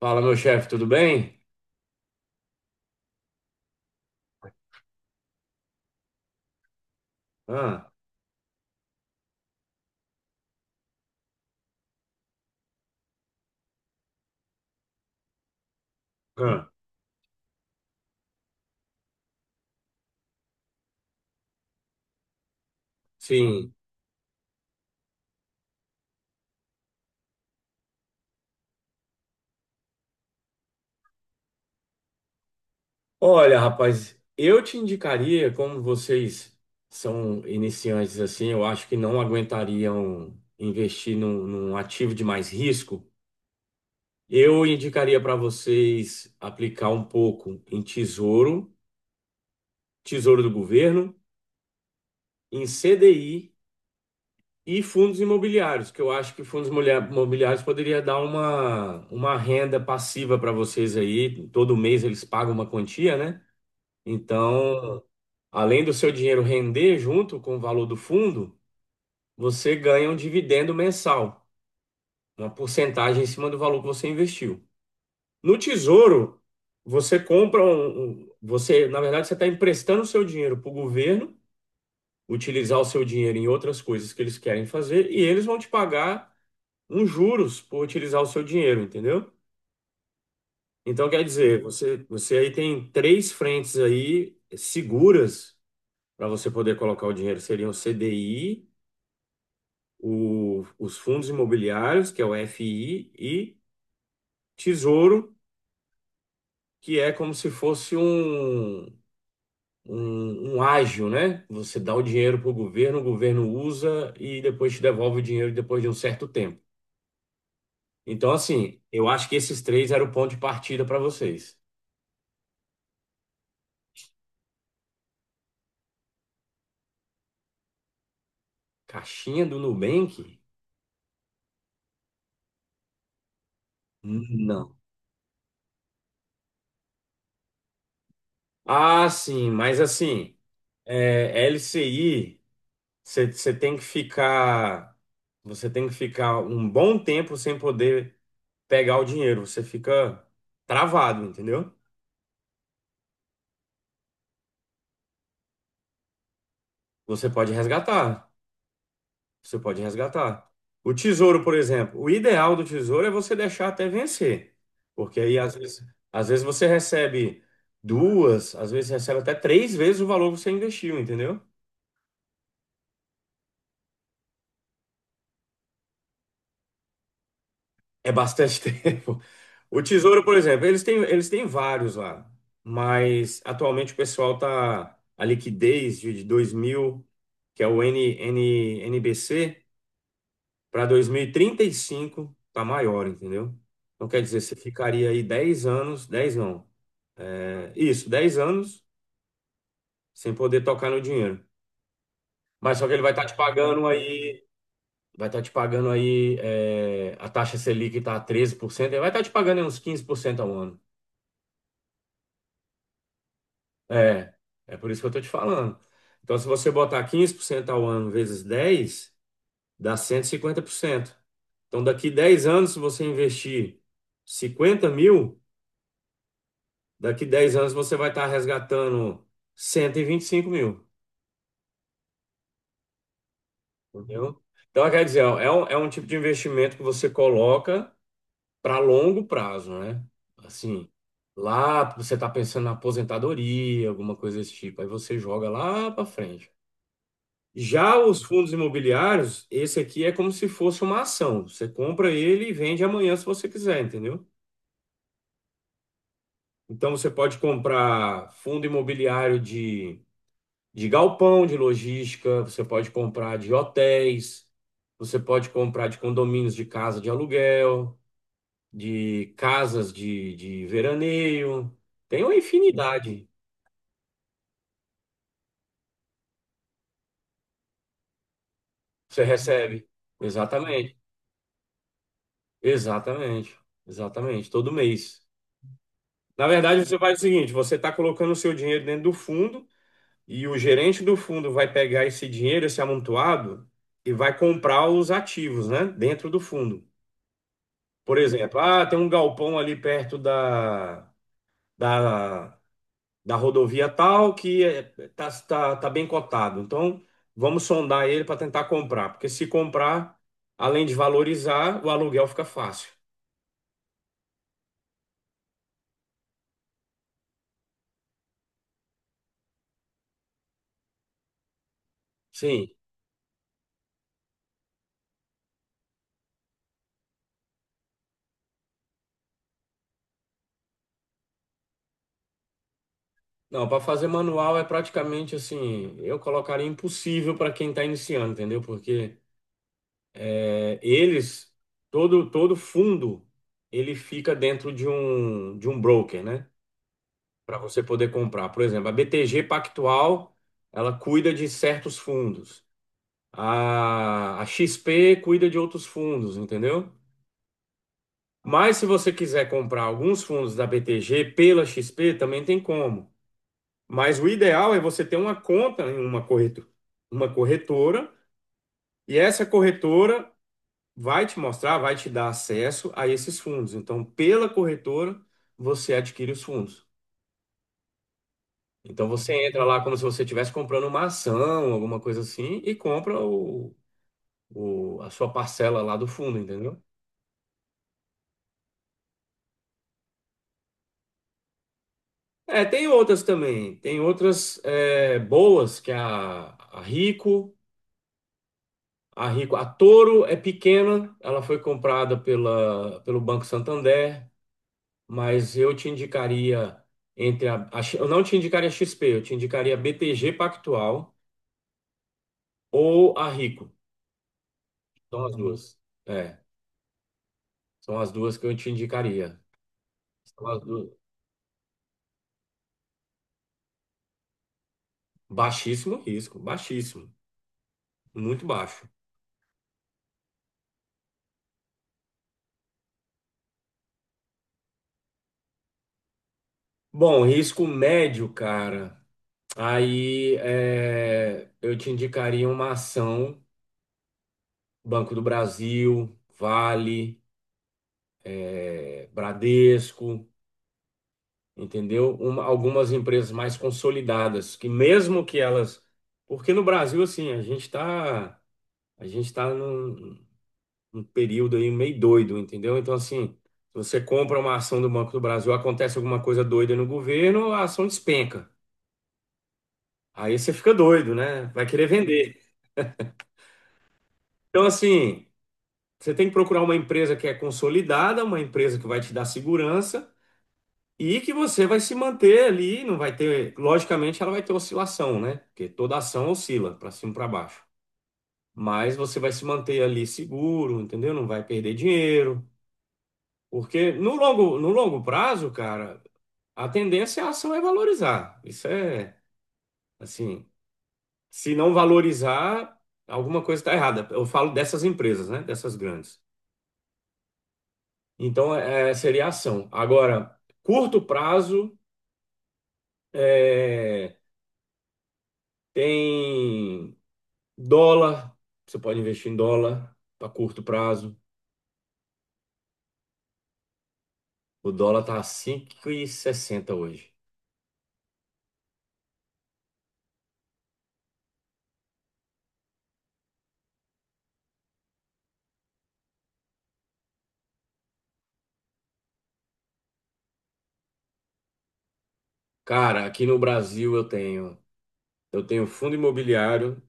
Fala, meu chefe, tudo bem? Ah, ah, sim. Olha, rapaz, eu te indicaria, como vocês são iniciantes assim, eu acho que não aguentariam investir num ativo de mais risco. Eu indicaria para vocês aplicar um pouco em tesouro, tesouro do governo, em CDI e fundos imobiliários, que eu acho que fundos imobiliários poderia dar uma renda passiva para vocês aí. Todo mês eles pagam uma quantia, né? Então, além do seu dinheiro render junto com o valor do fundo, você ganha um dividendo mensal, uma porcentagem em cima do valor que você investiu. No Tesouro, você compra você, na verdade, você está emprestando o seu dinheiro para o governo utilizar o seu dinheiro em outras coisas que eles querem fazer e eles vão te pagar uns juros por utilizar o seu dinheiro, entendeu? Então, quer dizer, você aí tem três frentes aí seguras para você poder colocar o dinheiro. Seriam o CDI, os fundos imobiliários, que é o FI, e Tesouro, que é como se fosse um ágio, né? Você dá o dinheiro para o governo usa e depois te devolve o dinheiro depois de um certo tempo. Então, assim, eu acho que esses três eram o ponto de partida para vocês. Caixinha do Nubank? Não. Ah, sim, mas assim, é, LCI, você tem que ficar, você tem que ficar um bom tempo sem poder pegar o dinheiro. Você fica travado, entendeu? Você pode resgatar, você pode resgatar. O tesouro, por exemplo, o ideal do tesouro é você deixar até vencer, porque aí às vezes você recebe duas, às vezes recebe até três vezes o valor que você investiu, entendeu? É bastante tempo. O Tesouro, por exemplo, eles têm vários lá, mas atualmente o pessoal tá a liquidez de 2000, que é o N, N, N B C, para 2035 tá maior, entendeu? Então quer dizer, você ficaria aí 10 anos, 10 não, é, isso, 10 anos sem poder tocar no dinheiro. Mas só que ele vai estar te pagando aí, vai estar te pagando aí, a taxa Selic está a 13%, ele vai estar te pagando aí uns 15% ao ano. É, é por isso que eu tô te falando. Então, se você botar 15% ao ano vezes 10, dá 150%. Então, daqui 10 anos, se você investir 50 mil, daqui 10 anos você vai estar resgatando cento e vinte e cinco mil, entendeu? Então, quer dizer, ó, é um tipo de investimento que você coloca para longo prazo, né? Assim, lá você está pensando na aposentadoria, alguma coisa desse tipo, aí você joga lá para frente. Já os fundos imobiliários, esse aqui é como se fosse uma ação. Você compra ele e vende amanhã se você quiser, entendeu? Então você pode comprar fundo imobiliário de galpão, de logística, você pode comprar de hotéis, você pode comprar de condomínios de casa de aluguel, de casas de veraneio. Tem uma infinidade. Você recebe. Exatamente. Exatamente. Exatamente. Todo mês. Na verdade, você faz o seguinte: você está colocando o seu dinheiro dentro do fundo e o gerente do fundo vai pegar esse dinheiro, esse amontoado, e vai comprar os ativos, né? Dentro do fundo. Por exemplo, tem um galpão ali perto da, da rodovia tal que está tá, tá tá bem cotado. Então, vamos sondar ele para tentar comprar, porque se comprar, além de valorizar, o aluguel fica fácil. Sim. Não, para fazer manual é praticamente assim, eu colocaria impossível para quem está iniciando, entendeu? Porque eles, todo fundo, ele fica dentro de um broker, né? Para você poder comprar. Por exemplo, a BTG Pactual, ela cuida de certos fundos. A XP cuida de outros fundos, entendeu? Mas se você quiser comprar alguns fundos da BTG pela XP, também tem como. Mas o ideal é você ter uma conta em uma corretora, e essa corretora vai te mostrar, vai te dar acesso a esses fundos. Então, pela corretora, você adquire os fundos. Então, você entra lá como se você estivesse comprando uma ação, alguma coisa assim, e compra a sua parcela lá do fundo, entendeu? É, tem outras também. Tem outras boas, que é a Rico. A Rico, a Toro é pequena, ela foi comprada pelo Banco Santander, mas eu te indicaria entre eu não te indicaria a XP, eu te indicaria a BTG Pactual ou a Rico. São as duas. É, são as duas que eu te indicaria. São as duas. Baixíssimo risco, baixíssimo, muito baixo. Bom, risco médio, cara. Aí, eu te indicaria uma ação Banco do Brasil, Vale. Bradesco, entendeu? Algumas empresas mais consolidadas, que mesmo que elas. Porque no Brasil, assim, a gente tá num período aí meio doido, entendeu? Então, assim, se você compra uma ação do Banco do Brasil, acontece alguma coisa doida no governo, a ação despenca. Aí você fica doido, né? Vai querer vender. Então, assim, você tem que procurar uma empresa que é consolidada, uma empresa que vai te dar segurança e que você vai se manter ali, não vai ter, logicamente ela vai ter oscilação, né? Porque toda ação oscila para cima e para baixo. Mas você vai se manter ali seguro, entendeu? Não vai perder dinheiro, porque no longo prazo, cara, a tendência é a ação é valorizar. Isso é, assim, se não valorizar, alguma coisa está errada. Eu falo dessas empresas, né? Dessas grandes. Então, seria a ação. Agora, curto prazo, é, tem Dólar, você pode investir em dólar para curto prazo. O dólar tá a sessenta hoje. Cara, aqui no Brasil eu tenho fundo imobiliário,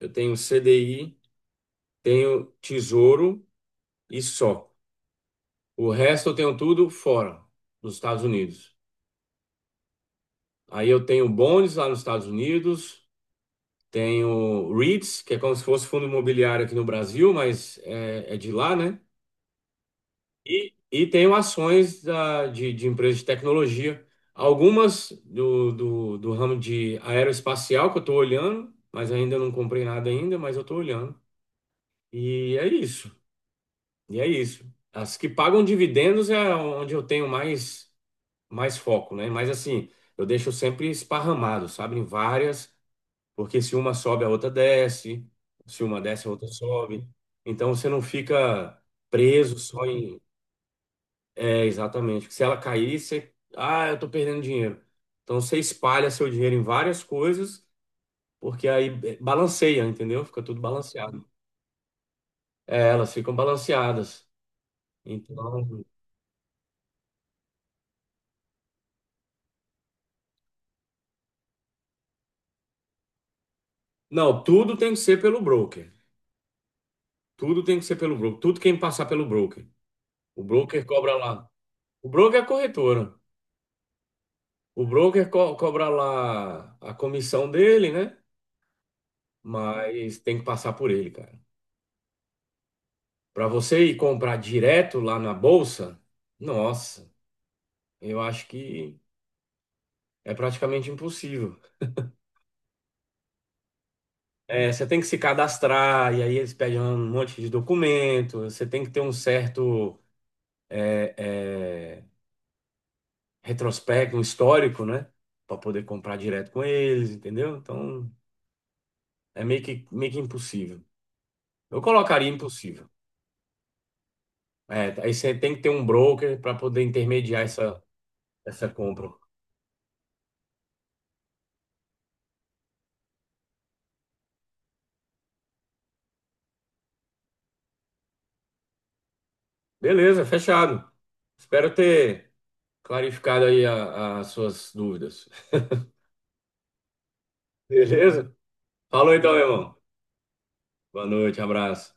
eu tenho CDI, tenho tesouro e só. O resto eu tenho tudo fora, nos Estados Unidos. Aí eu tenho bonds lá nos Estados Unidos, tenho REITs, que é como se fosse fundo imobiliário aqui no Brasil, mas é de lá, né? E tenho ações de empresas de tecnologia, algumas do ramo de aeroespacial que eu estou olhando, mas ainda não comprei nada ainda, mas eu estou olhando. E é isso, e é isso. As que pagam dividendos é onde eu tenho mais, mais foco, né? Mas assim, eu deixo sempre esparramado, sabe? Em várias, porque se uma sobe, a outra desce, se uma desce, a outra sobe. Então você não fica preso só. É, exatamente. Se ela cair, você. Ah, eu tô perdendo dinheiro. Então você espalha seu dinheiro em várias coisas, porque aí, balanceia, entendeu? Fica tudo balanceado. É, elas ficam balanceadas. Então. Não, tudo tem que ser pelo broker. Tudo tem que ser pelo broker. Tudo quem passar pelo broker. O broker cobra lá. O broker é a corretora. O broker cobra lá a comissão dele, né? Mas tem que passar por ele, cara. Para você ir comprar direto lá na bolsa, nossa. Eu acho que é praticamente impossível. É, você tem que se cadastrar, e aí eles pedem um monte de documento, você tem que ter um certo é, é, retrospecto, um histórico, né? Para poder comprar direto com eles, entendeu? Então é meio que impossível. Eu colocaria impossível. É, aí você tem que ter um broker para poder intermediar essa compra. Beleza, fechado. Espero ter clarificado aí as suas dúvidas. Beleza? Falou então, meu irmão. Boa noite, abraço.